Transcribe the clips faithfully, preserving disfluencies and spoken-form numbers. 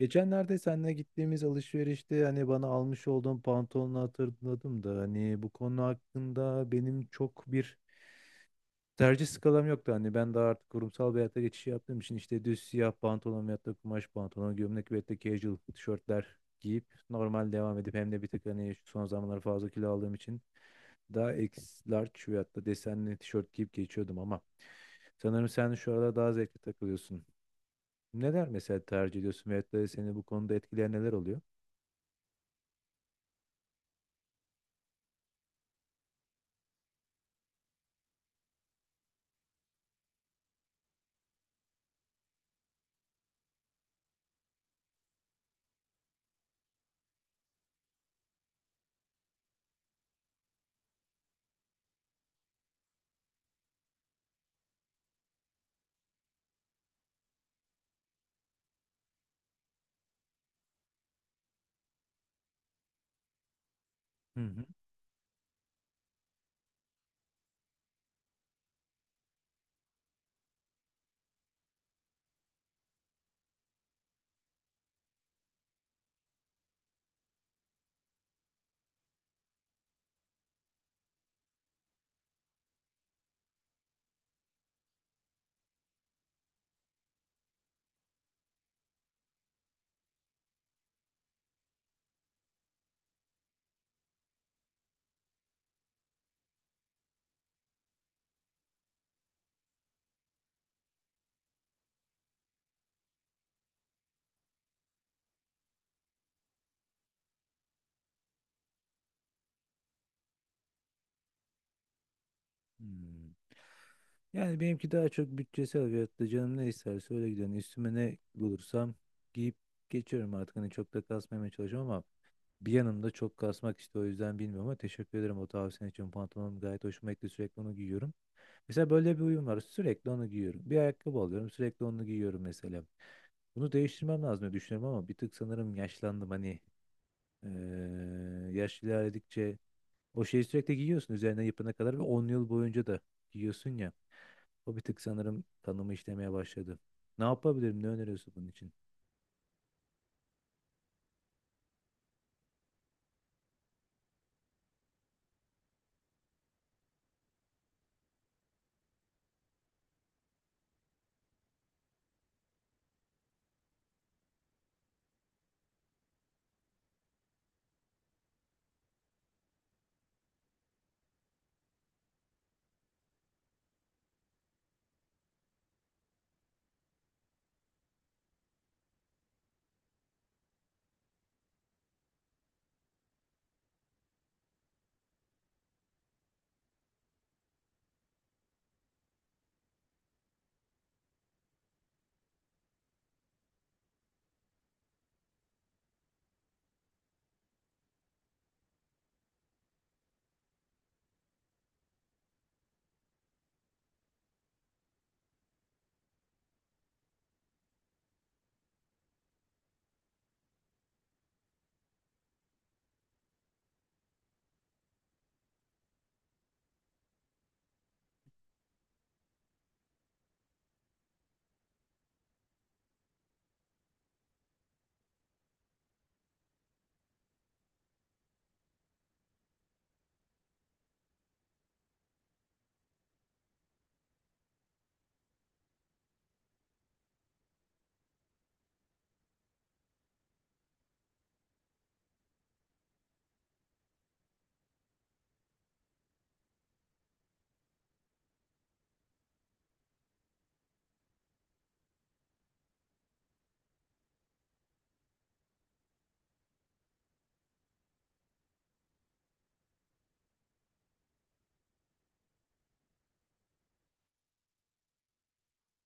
Geçenlerde seninle gittiğimiz alışverişte hani bana almış olduğun pantolonu hatırladım da hani bu konu hakkında benim çok bir tercih skalam yoktu. Hani ben daha artık kurumsal bir hayata geçiş yaptığım için işte düz siyah pantolon veyahut da kumaş pantolon, gömlek veyahut da casual tişörtler giyip normal devam edip hem de bir tık hani şu son zamanlar fazla kilo aldığım için daha X large veyahut da desenli tişört giyip geçiyordum ama sanırım sen şu arada daha zevkli takılıyorsun. Neler mesela tercih ediyorsun veyahut da seni bu konuda etkileyen neler oluyor? Hı hı. Hmm. Yani benimki daha çok bütçesel veyahut da canım ne isterse öyle gidiyorum. Üstüme ne bulursam giyip geçiyorum artık. Hani çok da kasmamaya çalışıyorum ama bir yanımda çok kasmak işte o yüzden bilmiyorum ama teşekkür ederim o tavsiyen için. Pantolonum gayet hoşuma gitti, sürekli onu giyiyorum. Mesela böyle bir uyum var, sürekli onu giyiyorum. Bir ayakkabı alıyorum, sürekli onu giyiyorum mesela. Bunu değiştirmem lazım diye düşünüyorum ama bir tık sanırım yaşlandım. Hani eee yaş ilerledikçe o şeyi sürekli giyiyorsun, üzerine yapana kadar ve on yıl boyunca da giyiyorsun ya. O bir tık sanırım kanımı işlemeye başladı. Ne yapabilirim? Ne öneriyorsun bunun için?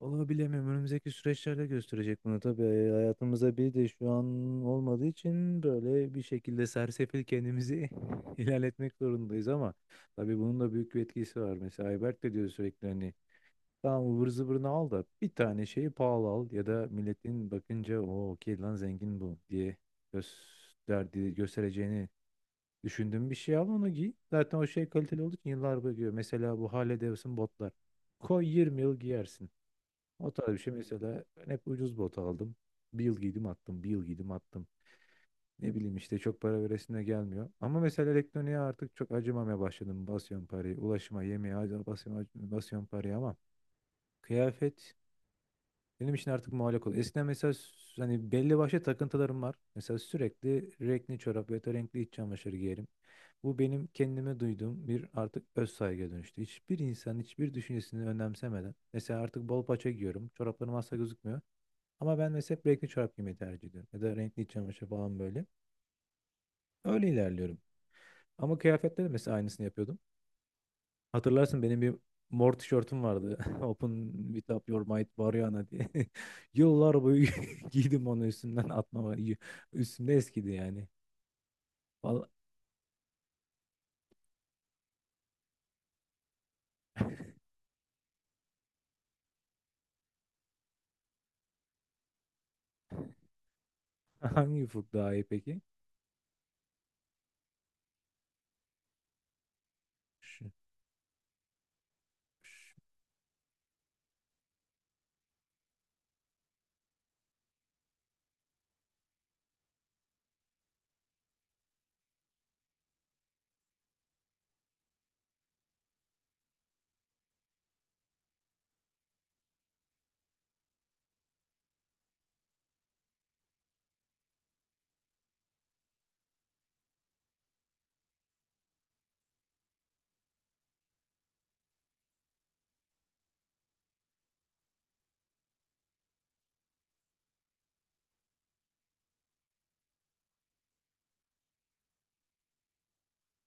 Vallahi bilemiyorum. Önümüzdeki süreçlerde gösterecek bunu tabii. E, hayatımıza bir de şu an olmadığı için böyle bir şekilde sersefil kendimizi ilerletmek zorundayız ama tabii bunun da büyük bir etkisi var. Mesela Ayberk de diyor sürekli, hani tamam ıvır zıvırını al da bir tane şeyi pahalı al, ya da milletin bakınca "O okey lan, zengin bu" diye gösterdi, göstereceğini düşündüğün bir şey al, onu giy. Zaten o şey kaliteli olduğu için yıllar boyu giyiyor. Mesela bu Harley Davidson botlar. Koy, yirmi yıl giyersin. O tarz bir şey. Mesela ben hep ucuz bot aldım. Bir yıl giydim attım, bir yıl giydim attım. Ne bileyim işte çok para veresine gelmiyor. Ama mesela elektroniğe artık çok acımamaya başladım. Basıyorum parayı, ulaşıma, yemeğe acı- basıyorum, acı- basıyorum parayı ama kıyafet benim için artık muallak oldu. Eskiden mesela s- hani belli başlı takıntılarım var. Mesela sürekli renkli çorap ya da renkli iç çamaşırı giyerim. Bu benim kendime duyduğum bir artık öz saygıya dönüştü. Hiçbir insan hiçbir düşüncesini önemsemeden. Mesela artık bol paça giyiyorum. Çoraplarım asla gözükmüyor. Ama ben mesela hep renkli çorap giymeyi tercih ediyorum. Ya da renkli iç çamaşır falan böyle. Öyle ilerliyorum. Ama kıyafetlerde mesela aynısını yapıyordum. Hatırlarsın, benim bir mor tişörtüm vardı. Open with up your might Mariana diye. Yıllar boyu giydim, onu üstümden atmama. Y- Üstümde eskidi yani. Vallahi, hangi ufuk daha iyi peki? Şu, şu-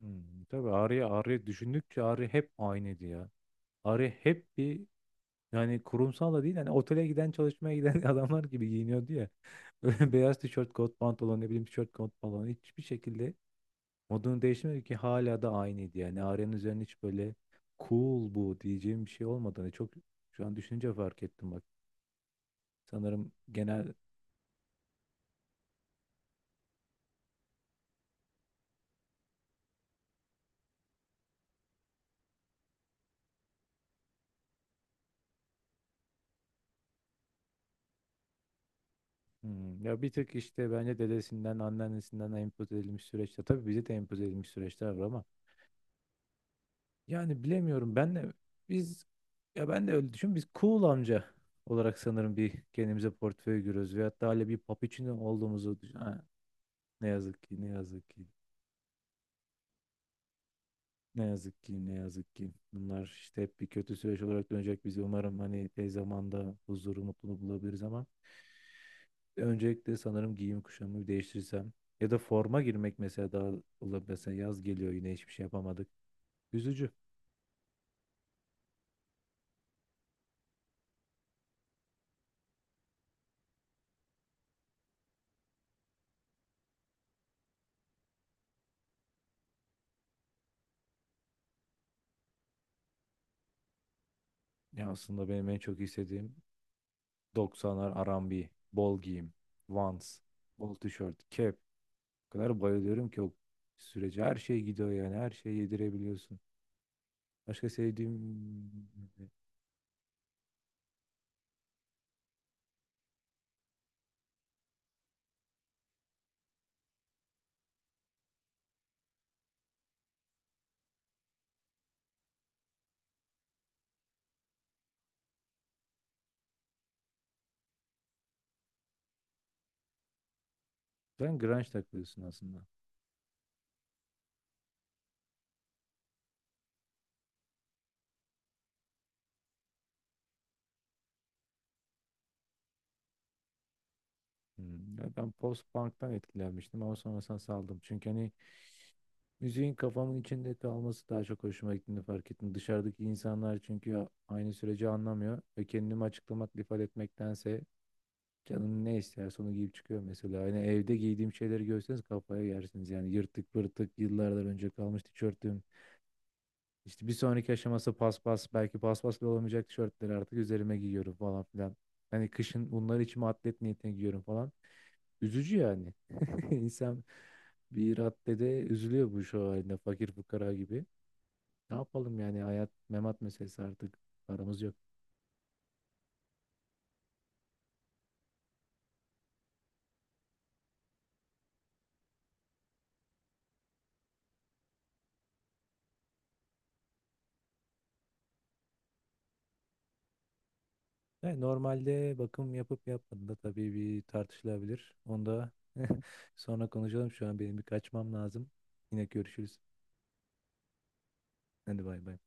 hmm, tabii Arya, Arya düşündükçe Arya hep aynıydı ya. Arya hep bir, yani kurumsal da değil. Hani otele giden, çalışmaya giden adamlar gibi giyiniyordu ya. Böyle beyaz tişört, kot pantolon, ne bileyim tişört, kot pantolon, hiçbir şekilde modunu değiştirmedi ki, hala da aynıydı. Yani Arya'nın üzerine hiç böyle "cool bu" diyeceğim bir şey olmadığını çok şu an düşününce fark ettim bak. Sanırım genel. Hmm, ya bir tık işte bence dedesinden, anneannesinden empoze edilmiş süreçte tabii bize de empoze edilmiş süreçler var ama yani bilemiyorum. Ben de biz, ya ben de öyle düşün, biz cool amca olarak sanırım bir kendimize portföy görüyoruz veyahut da hala bir papiçino olduğumuzu düşün. Ha, ne yazık ki, ne yazık ki. Ne yazık ki, ne yazık ki. Bunlar işte hep bir kötü süreç olarak dönecek bizi. Umarım hani tez zamanda huzuru, mutluluğu bulabiliriz ama öncelikle sanırım giyim kuşamı bir değiştirsem ya da forma girmek mesela daha olabilir. Mesela yaz geliyor, yine hiçbir şey yapamadık. Üzücü. Ya aslında benim en çok istediğim doksanlar, arambi, bol giyim, Vans, bol tişört, kep. O kadar bayılıyorum ki o sürece, her şey gidiyor yani, her şeyi yedirebiliyorsun. Başka sevdiğim... Sen grunge takılıyorsun aslında. Hmm, ya ben post-punk'tan etkilenmiştim ama sonrasında saldım. Çünkü hani müziğin kafamın içinde kalması daha çok hoşuma gittiğini fark ettim. Dışarıdaki insanlar çünkü aynı süreci anlamıyor ve kendimi açıklamak, ifade etmektense canım ne isterse onu giyip çıkıyor mesela. Hani evde giydiğim şeyleri görseniz kafaya yersiniz. Yani yırtık pırtık, yıllardan önce kalmış tişörtüm. İşte bir sonraki aşaması paspas, belki paspas bile olamayacak tişörtleri artık üzerime giyiyorum falan filan. Hani kışın bunları içime atlet niyetine giyiyorum falan. Üzücü yani. İnsan bir raddede üzülüyor bu şu halinde, fakir fukara gibi. Ne yapalım, yani hayat memat meselesi artık, paramız yok. Yani normalde bakım yapıp yapmadığında tabii bir tartışılabilir. Onu da sonra konuşalım. Şu an benim bir kaçmam lazım. Yine görüşürüz. Hadi bay bay.